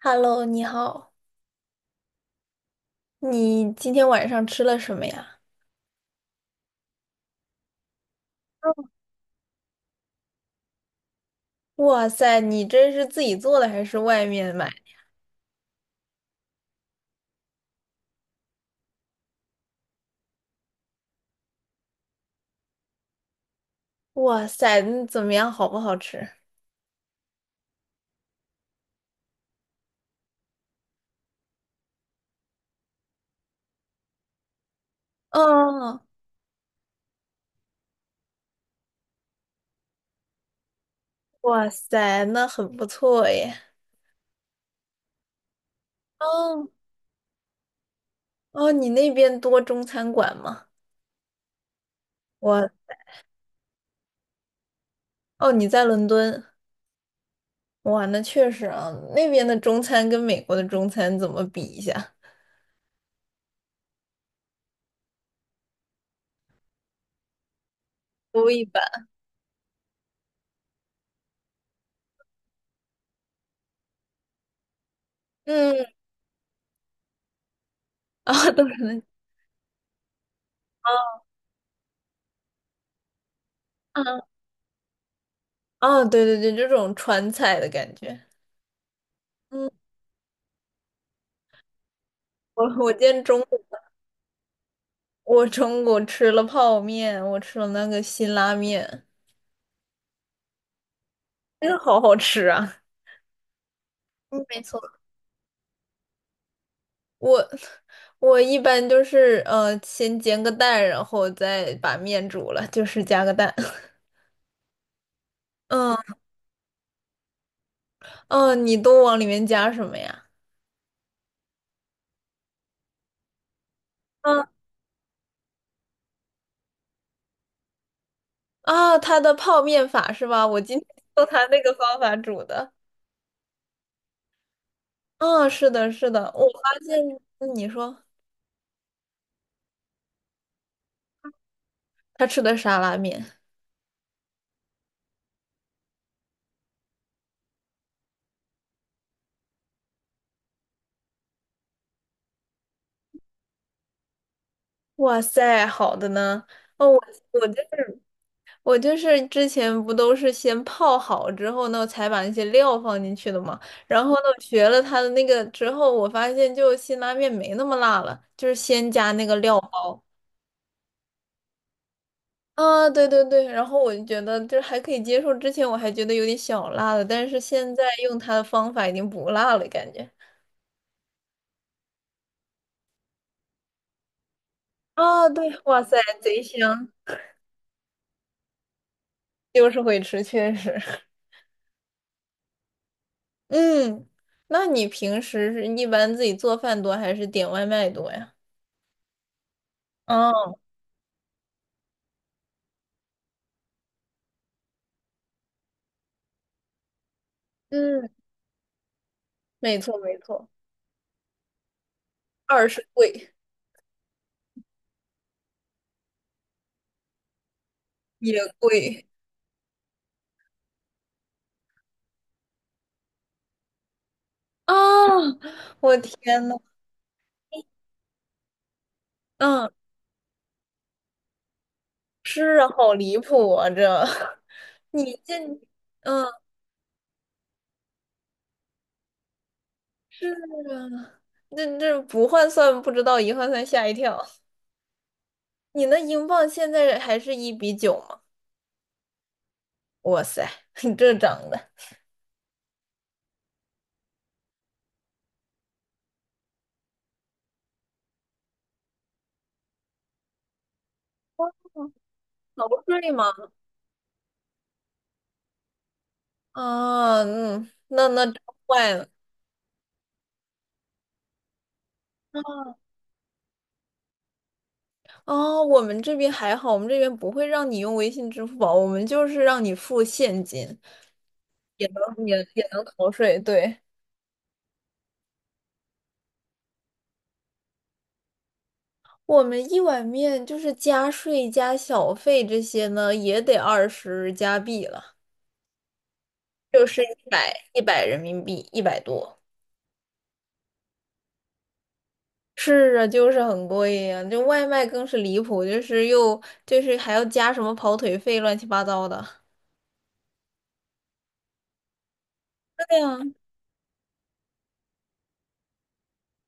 Hello，你好，你今天晚上吃了什么呀？哇塞，你这是自己做的还是外面买？哇塞，那怎么样，好不好吃？哦，哇塞，那很不错耶。哦哦，你那边多中餐馆吗？我哦，你在伦敦，哇，那确实啊，那边的中餐跟美国的中餐怎么比一下？不一般。嗯，啊、都是那，嗯，哦，对对对，这种川菜的感觉。嗯。我今天中午我中午吃了泡面，我吃了那个辛拉面，真的好好吃啊！嗯，没错。我我一般就是先煎个蛋，然后再把面煮了，就是加个蛋。嗯嗯，你都往里面加什么呀？嗯啊，他的泡面法是吧？我今天用他那个方法煮的。嗯，是的，是的，我发现，那你说他吃的沙拉面，哇塞，好的呢。哦，我我这我就是之前不都是先泡好之后呢，才把那些料放进去的嘛。然后呢，我学了它的那个之后，我发现就辛拉面没那么辣了，就是先加那个料包。啊，对对对，然后我就觉得就是还可以接受。之前我还觉得有点小辣的，但是现在用它的方法已经不辣了，感觉。啊，对，哇塞，贼香，就是会吃，确实。嗯，那你平时是一般自己做饭多还是点外卖多呀？哦，嗯。没错没错，二是贵也贵啊！我天呐，嗯，是啊好离谱啊！这 你这，嗯，这这不换算不知道，一换算吓一跳。你那英镑现在还是一比九吗？哇塞，你这涨的，嗯逃税吗？啊，嗯，那那真坏了。哦，我们这边还好，我们这边不会让你用微信、支付宝，我们就是让你付现金，也能也能逃税，对。我们一碗面就是加税加小费这些呢，也得20加币了，就是一百人民币，一百多。是啊，就是很贵呀、就外卖更是离谱，就是又就是还要加什么跑腿费，乱七八糟的。对呀、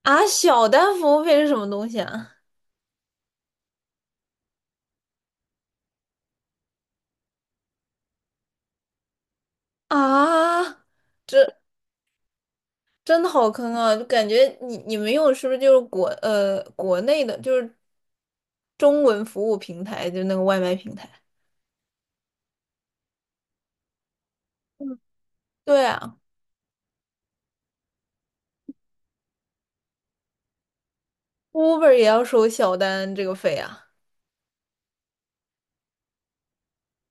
啊，啊小单服务费是什么东西啊？啊，这真的好坑啊！就感觉你们用的是不是就是国内的，就是中文服务平台，就是那个外卖平台？对啊。Uber 也要收小单这个费啊！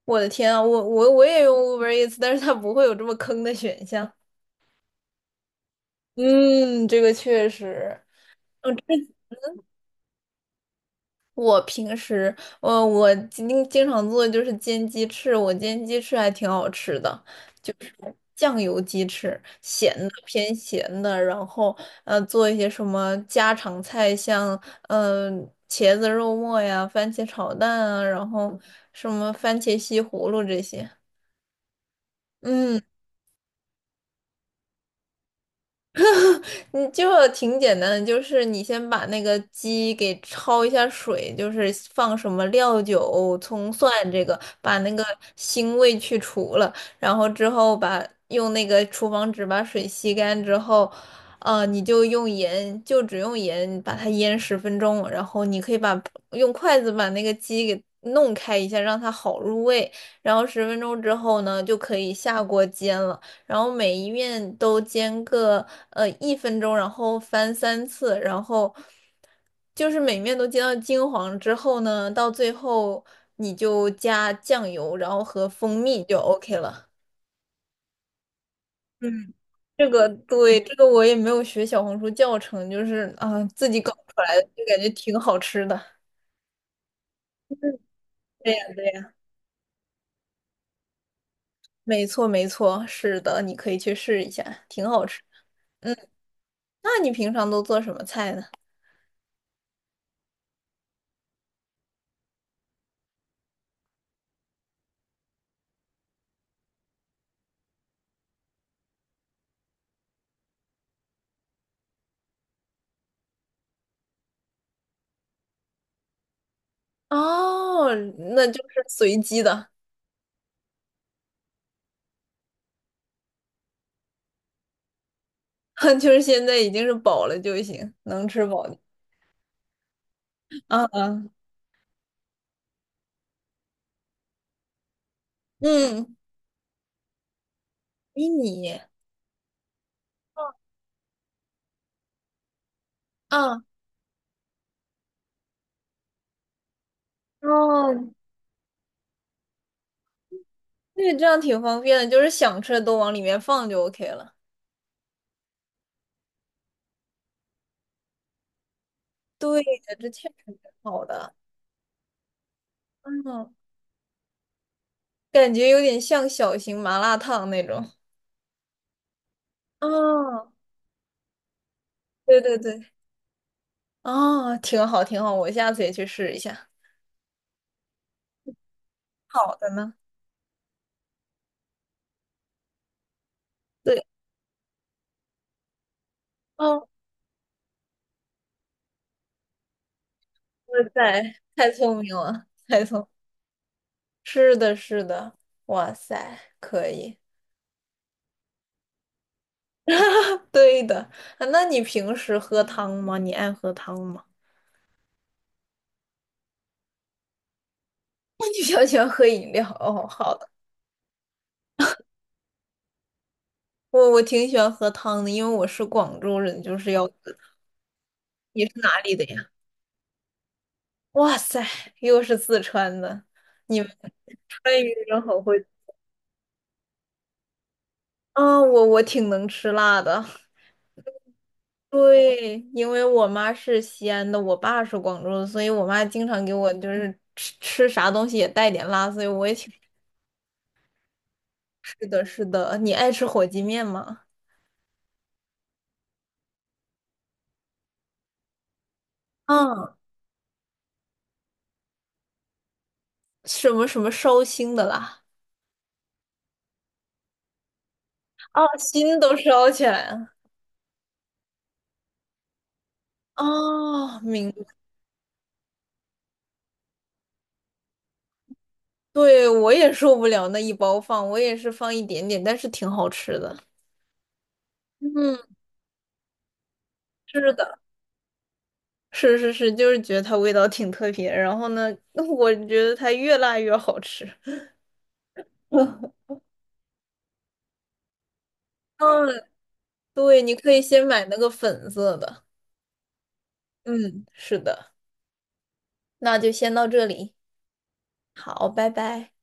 我的天啊，我也用 Uber Eats,但是它不会有这么坑的选项。嗯，这个确实。嗯，这我平时，我经常做的就是煎鸡翅，我煎鸡翅还挺好吃的，就是酱油鸡翅，咸的偏咸的，然后做一些什么家常菜，像呃茄子肉末呀、番茄炒蛋啊，然后什么番茄西葫芦这些。嗯。你就挺简单的，就是你先把那个鸡给焯一下水，就是放什么料酒、葱蒜这个，把那个腥味去除了，然后之后把用那个厨房纸把水吸干之后，你就用盐，就只用盐把它腌十分钟，然后你可以把用筷子把那个鸡给弄开一下，让它好入味，然后十分钟之后呢，就可以下锅煎了。然后每一面都煎个1分钟，然后翻3次，然后就是每面都煎到金黄之后呢，到最后你就加酱油，然后和蜂蜜就 OK 了。嗯，这个对，这个我也没有学小红书教程，就是啊、自己搞出来的，就感觉挺好吃的。对呀，对呀，没错没错，是的，你可以去试一下，挺好吃的。嗯，那你平常都做什么菜呢？哦，那就是随机的，就是现在已经是饱了就行，能吃饱就。啊啊，嗯，迷你，啊，哦，对，这样挺方便的，就是想吃的都往里面放就 OK 了。对的，这确实挺好的。嗯，感觉有点像小型麻辣烫那种。哦，对对对，哦，挺好挺好，我下次也去试一下。好的呢，对，哦，哇塞，太聪明了，太聪明了是的，是的，哇塞，可以，对的。啊那你平时喝汤吗？你爱喝汤吗？那你比较喜欢喝饮料？哦，好的，我挺喜欢喝汤的，因为我是广州人，就是要。你是哪里的呀？哇塞，又是四川的，你们川渝人好会。啊，我挺能吃辣的。对，因为我妈是西安的，我爸是广州的，所以我妈经常给我就是吃吃啥东西也带点辣，所以我也挺。是的，是的，你爱吃火鸡面吗？嗯，什么什么烧心的啦？啊，心都烧起来了。哦，明，对，我也受不了那一包放，我也是放一点点，但是挺好吃的。嗯，是的，是是是，就是觉得它味道挺特别。然后呢，我觉得它越辣越好吃。嗯，对，你可以先买那个粉色的。嗯，是的，那就先到这里。好，拜拜。